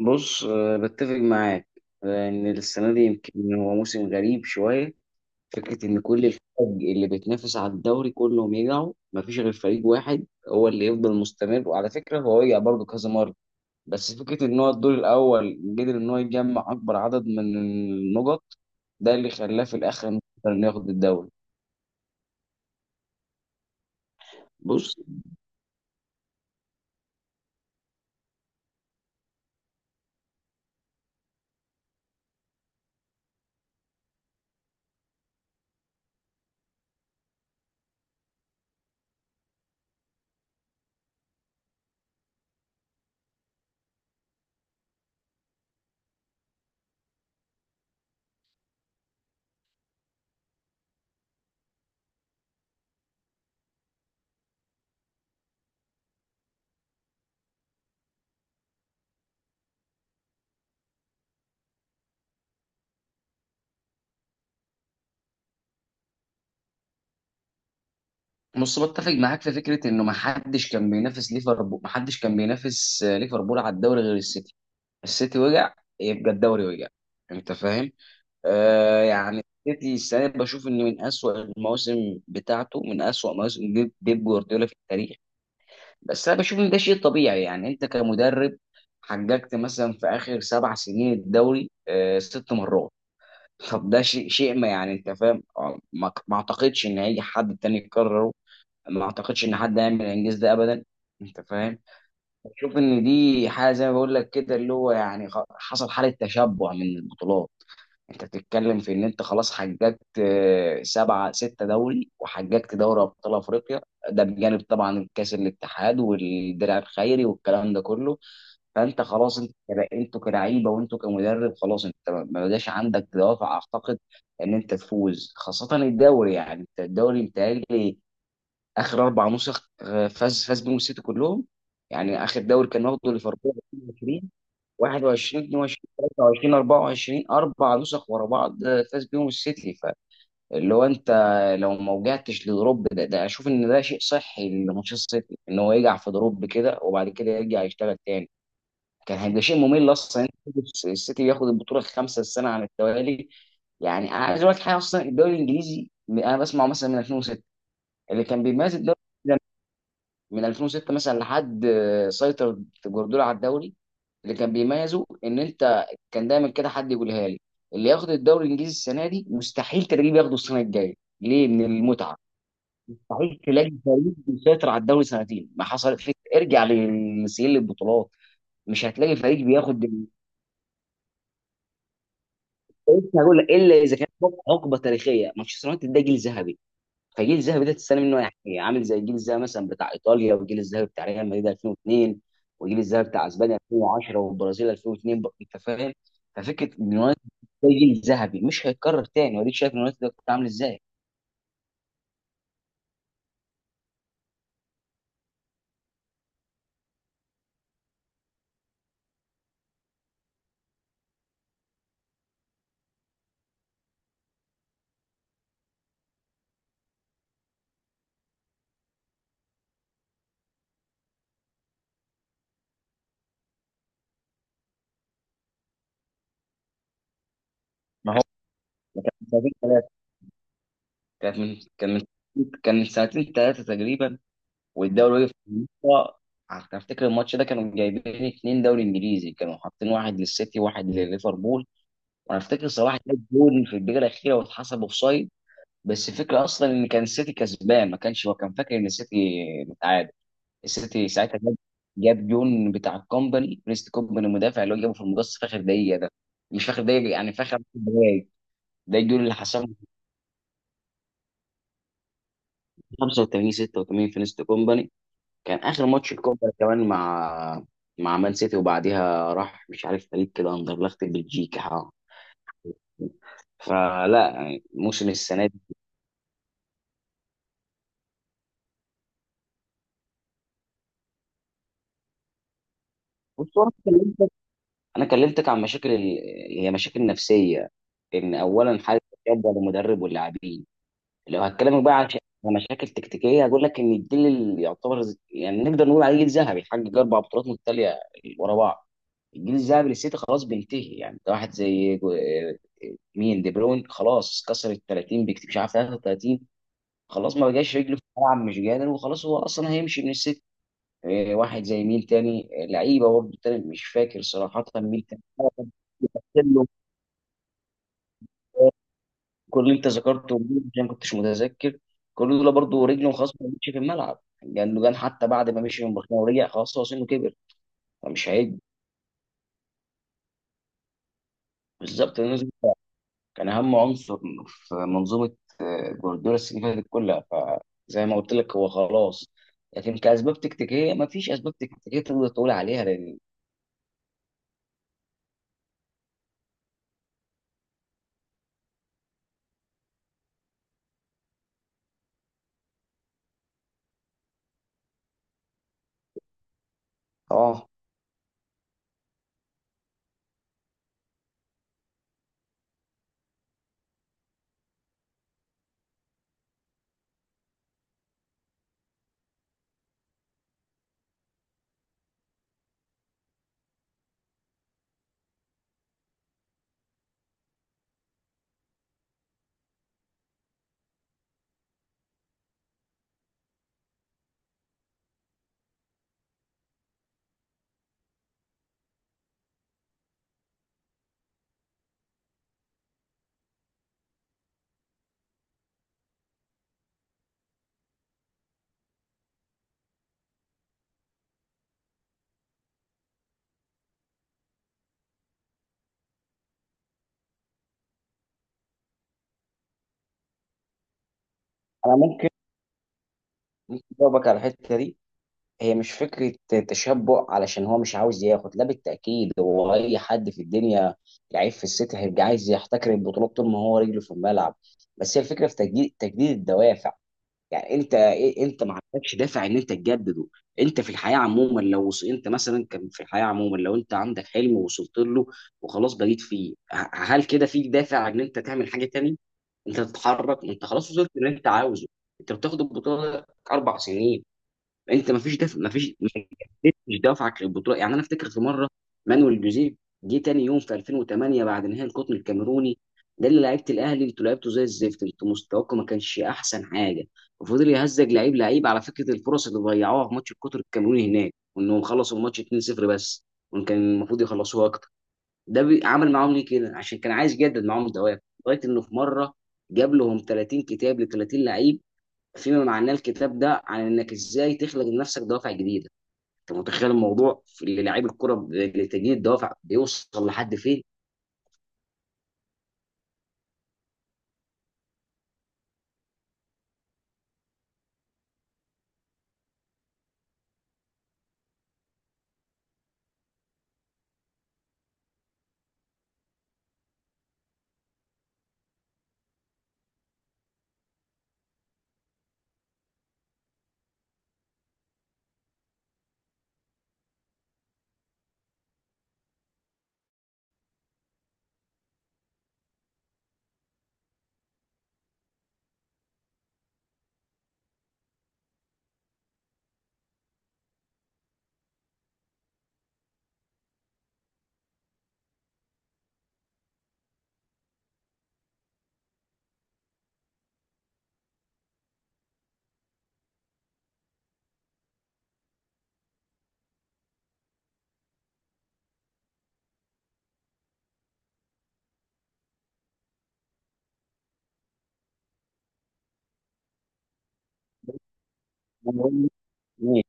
بص بتفق معاك. لأن السنة دي يمكن هو موسم غريب شوية. فكرة إن كل الفرق اللي بتنافس على الدوري كلهم يقعوا مفيش غير فريق واحد هو اللي يفضل مستمر، وعلى فكرة هو وقع برضه كذا مرة. بس فكرة إن هو الدور الأول قدر إن هو يجمع أكبر عدد من النقط، ده اللي خلاه في الآخر إنه ياخد الدوري. بص بص، بتفق معاك في فكرة إنه محدش كان بينافس ليفربول، محدش كان بينافس ليفربول على الدوري غير السيتي. السيتي وقع، يبقى الدوري وقع. انت فاهم. آه، يعني السيتي السنه دي بشوف انه من اسوأ المواسم بتاعته، من اسوأ مواسم بيب جوارديولا في التاريخ. بس انا بشوف ان ده شيء طبيعي. يعني انت كمدرب حققت مثلا في اخر سبع سنين الدوري آه ست مرات. طب ده شيء ما، يعني انت فاهم، ما اعتقدش ان هيجي حد تاني يكرره. ما اعتقدش ان حد هيعمل الانجاز ده ابدا. انت فاهم. بشوف ان دي حاجه زي ما بقول لك كده، اللي هو يعني حصل حاله تشبع من البطولات. انت بتتكلم في ان انت خلاص حققت سبعه سته دوري، وحققت دوري ابطال افريقيا. ده بجانب طبعا الكاس الاتحاد والدرع الخيري والكلام ده كله. فانت خلاص انت انتوا كلعيبه وانتوا كمدرب، خلاص انت ما بقاش عندك دوافع، اعتقد، ان انت تفوز خاصه الدوري. يعني انت الدوري بتهيألي اخر اربع نسخ فاز بيهم السيتي كلهم. يعني اخر دوري كان واخده ليفربول 22. 21 22 23 24 اربع نسخ ورا بعض فاز بيهم السيتي. فاللي هو انت لو ما وجعتش لدروب ده, ده اشوف ان ده شيء صحي لمانشستر سيتي ان هو يقع في دروب كده وبعد كده يرجع يشتغل تاني. كان هيبقى شيء ممل اصلا إن السيتي ياخد البطوله الخامسه السنه على التوالي. يعني انا عايز اقول لك حاجه، اصلا الدوري الانجليزي انا بسمعه مثلا من 2006. اللي كان بيميز الدوري من 2006 مثلا لحد سيطر جوارديولا على الدوري، اللي كان بيميزه ان انت كان دايما كده حد يقولها لي: اللي ياخد الدوري الانجليزي السنه دي مستحيل تلاقيه بياخده السنه الجايه. ليه؟ من المتعه. مستحيل تلاقي فريق بيسيطر على الدوري سنتين، ما حصلت لك، ارجع لسجل البطولات، مش هتلاقي فريق بياخد فريق، هقول لك الا اذا كان حقبه تاريخيه. مانشستر يونايتد ده جيل ذهبي. فجيل الذهبي ده تستنى منه، يعني عامل زي الجيل الذهبي مثلا بتاع ايطاليا، والجيل الذهبي بتاع ريال مدريد 2002، والجيل الذهبي بتاع اسبانيا 2010، والبرازيل 2002. انت فاهم. ففكره ان اليونايتد ده جيل ذهبي مش هيتكرر تاني، واديك شايف اليونايتد ده كنت عامل ازاي. ما هو من سنتين ثلاثه كان من كان من سنتين ثلاثه تقريبا، والدوري وقف في النص. أنا افتكر الماتش ده كانوا جايبين اتنين دوري انجليزي، كانوا حاطين واحد للسيتي وواحد لليفربول. وانا افتكر صلاح جاب جول في الدقيقه الاخيره واتحسب اوفسايد. بس الفكره اصلا ان كان السيتي كسبان ما كانش، هو كان فاكر ان السيتي متعادل. السيتي ساعتها جاب جون بتاع الكومباني، بريست كومباني المدافع، اللي هو جابه في المقص في اخر دقيقه ده. مش في اخر دقيقه، يعني في اخر عشر دقايق. ده الجون اللي حسمه، 85 86 في نيست كومباني. كان اخر ماتش الكومباني كمان مع مان سيتي، وبعديها راح مش عارف فريق كده اندرلخت بلجيكا. فلا يعني موسم السنه دي. بص هو انا كلمتك عن مشاكل ال... هي مشاكل نفسيه. ان اولا حاله الشده للمدرب واللاعبين. لو هتكلمك بقى عن عن مشاكل تكتيكيه، هقول لك ان الجيل اللي يعتبر يعني نقدر نقول عليه جيل ذهبي حقق اربع بطولات متتاليه ورا بعض، الجيل الذهبي للسيتي خلاص بينتهي. يعني ده واحد زي مين، دي بروين، خلاص كسر ال 30 بكتير، مش عارف 33، خلاص ما بقاش رجله في الملعب مش قادر، وخلاص هو اصلا هيمشي من السيتي. واحد زي مين تاني، لعيبه برضه تاني مش فاكر صراحه مين تاني. كله، كل اللي انت ذكرته دول، عشان ما كنتش متذكر. كل دول برضه رجله خلاص ما مشي في الملعب، لانه كان حتى بعد ما مشي من برشلونه ورجع، خلاص هو سنه كبر. فمش هيجي بالظبط، لأنه كان اهم عنصر في منظومه جوارديولا السنه اللي فاتت كلها. فزي ما قلت لك هو خلاص. لكن كاسباب تكتيكيه ما فيش اسباب تكتيكيه تقدر تقول عليها لان اه، انا ممكن، ممكن اجاوبك على الحته دي. هي مش فكرة تشبع، علشان هو مش عاوز ياخد، لا بالتأكيد هو أي حد في الدنيا لعيب في السيتي هيبقى عايز يحتكر البطولات طول ما هو رجله في الملعب. بس هي الفكرة في تجديد الدوافع. يعني أنت إيه، أنت ما عندكش دافع إن أنت تجدده. أنت في الحياة عموما لو أنت مثلا، كان في الحياة عموما لو أنت عندك حلم ووصلت له وخلاص بقيت فيه، هل كده فيك دافع إن أنت تعمل حاجة تانية؟ أنت تتحرك، أنت خلاص وصلت اللي أنت عاوزه. أنت بتاخد البطولة أربع سنين، انت ما فيش دفع، ما فيش، ما جددتش دفعك للبطوله. يعني انا افتكر في مره، مانويل جوزيه جه تاني يوم في 2008 بعد نهائي القطن الكاميروني، ده اللي لعيبه الاهلي انتوا لعبتوا زي الزفت، انتوا مستواكم ما كانش احسن حاجه. وفضل يهزج لعيب لعيب على فكره، الفرص اللي ضيعوها في ماتش القطر الكاميروني هناك، وانهم خلصوا الماتش 2-0 بس، وان كان المفروض يخلصوها اكتر. ده عمل معاهم ليه كده؟ عشان كان عايز يجدد معاهم الدوافع. لغايه انه في مره جاب لهم 30 كتاب ل 30 لعيب، فيما معناه الكتاب ده عن انك ازاي تخلق لنفسك دوافع جديده. انت متخيل الموضوع في للاعيب الكره لتجديد دوافع بيوصل لحد فين؟ انا بقول لك ماشي.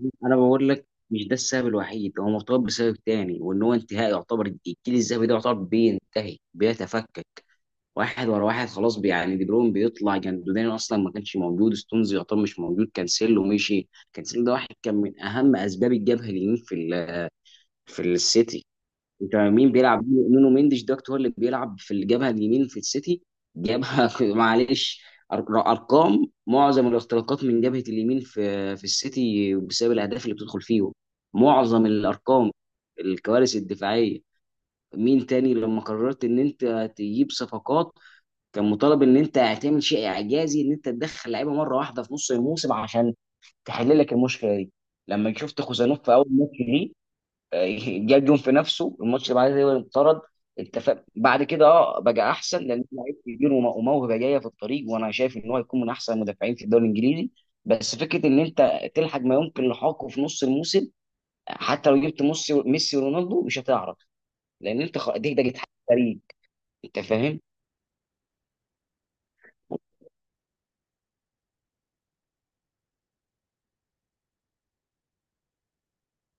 أنا بقول لك مش ده السبب الوحيد، هو مرتبط بسبب تاني، وان هو انتهاء يعتبر الجيل الذهبي ده، يعتبر بينتهي بيتفكك واحد ورا واحد. خلاص يعني دي بروين بيطلع، جندودين اصلا ما كانش موجود، ستونز يعتبر مش موجود، كانسيلو مشي. كانسيلو ده واحد كان من اهم اسباب الجبهه اليمين في في السيتي. انت مين بيلعب؟ نونو مينديش دوت هو اللي بيلعب في الجبهه اليمين في السيتي. جبهه معلش. أر- ارقام معظم الاختراقات من جبهه اليمين في السيتي، بسبب الاهداف اللي بتدخل فيهم معظم الارقام، الكوارث الدفاعيه. مين تاني لما قررت ان انت تجيب صفقات، كان مطالب ان انت هتعمل شيء اعجازي ان انت تدخل لعيبه مره واحده في نص الموسم عشان تحل لك المشكله دي. لما شفت خوسانوف في اول ماتش ليه، جاب جون في نفسه الماتش اللي بعدها تقريبا انطرد. انت بعد كده اه بقى احسن، لان لعيب كبير وموهبه جايه في الطريق، وانا شايف ان هو هيكون من احسن المدافعين في الدوري الانجليزي. بس فكره ان انت تلحق ما يمكن لحاقه في نص الموسم، حتى لو جبت ميسي ورونالدو مش هتعرف. لان انت دي ده جت فريق، انت فاهم.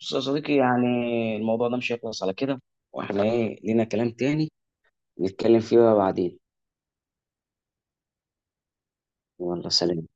بص يا صديقي، يعني الموضوع ده مش هيخلص على كده، واحنا ايه لينا كلام تاني نتكلم فيه بقى بعدين. يلا سلام.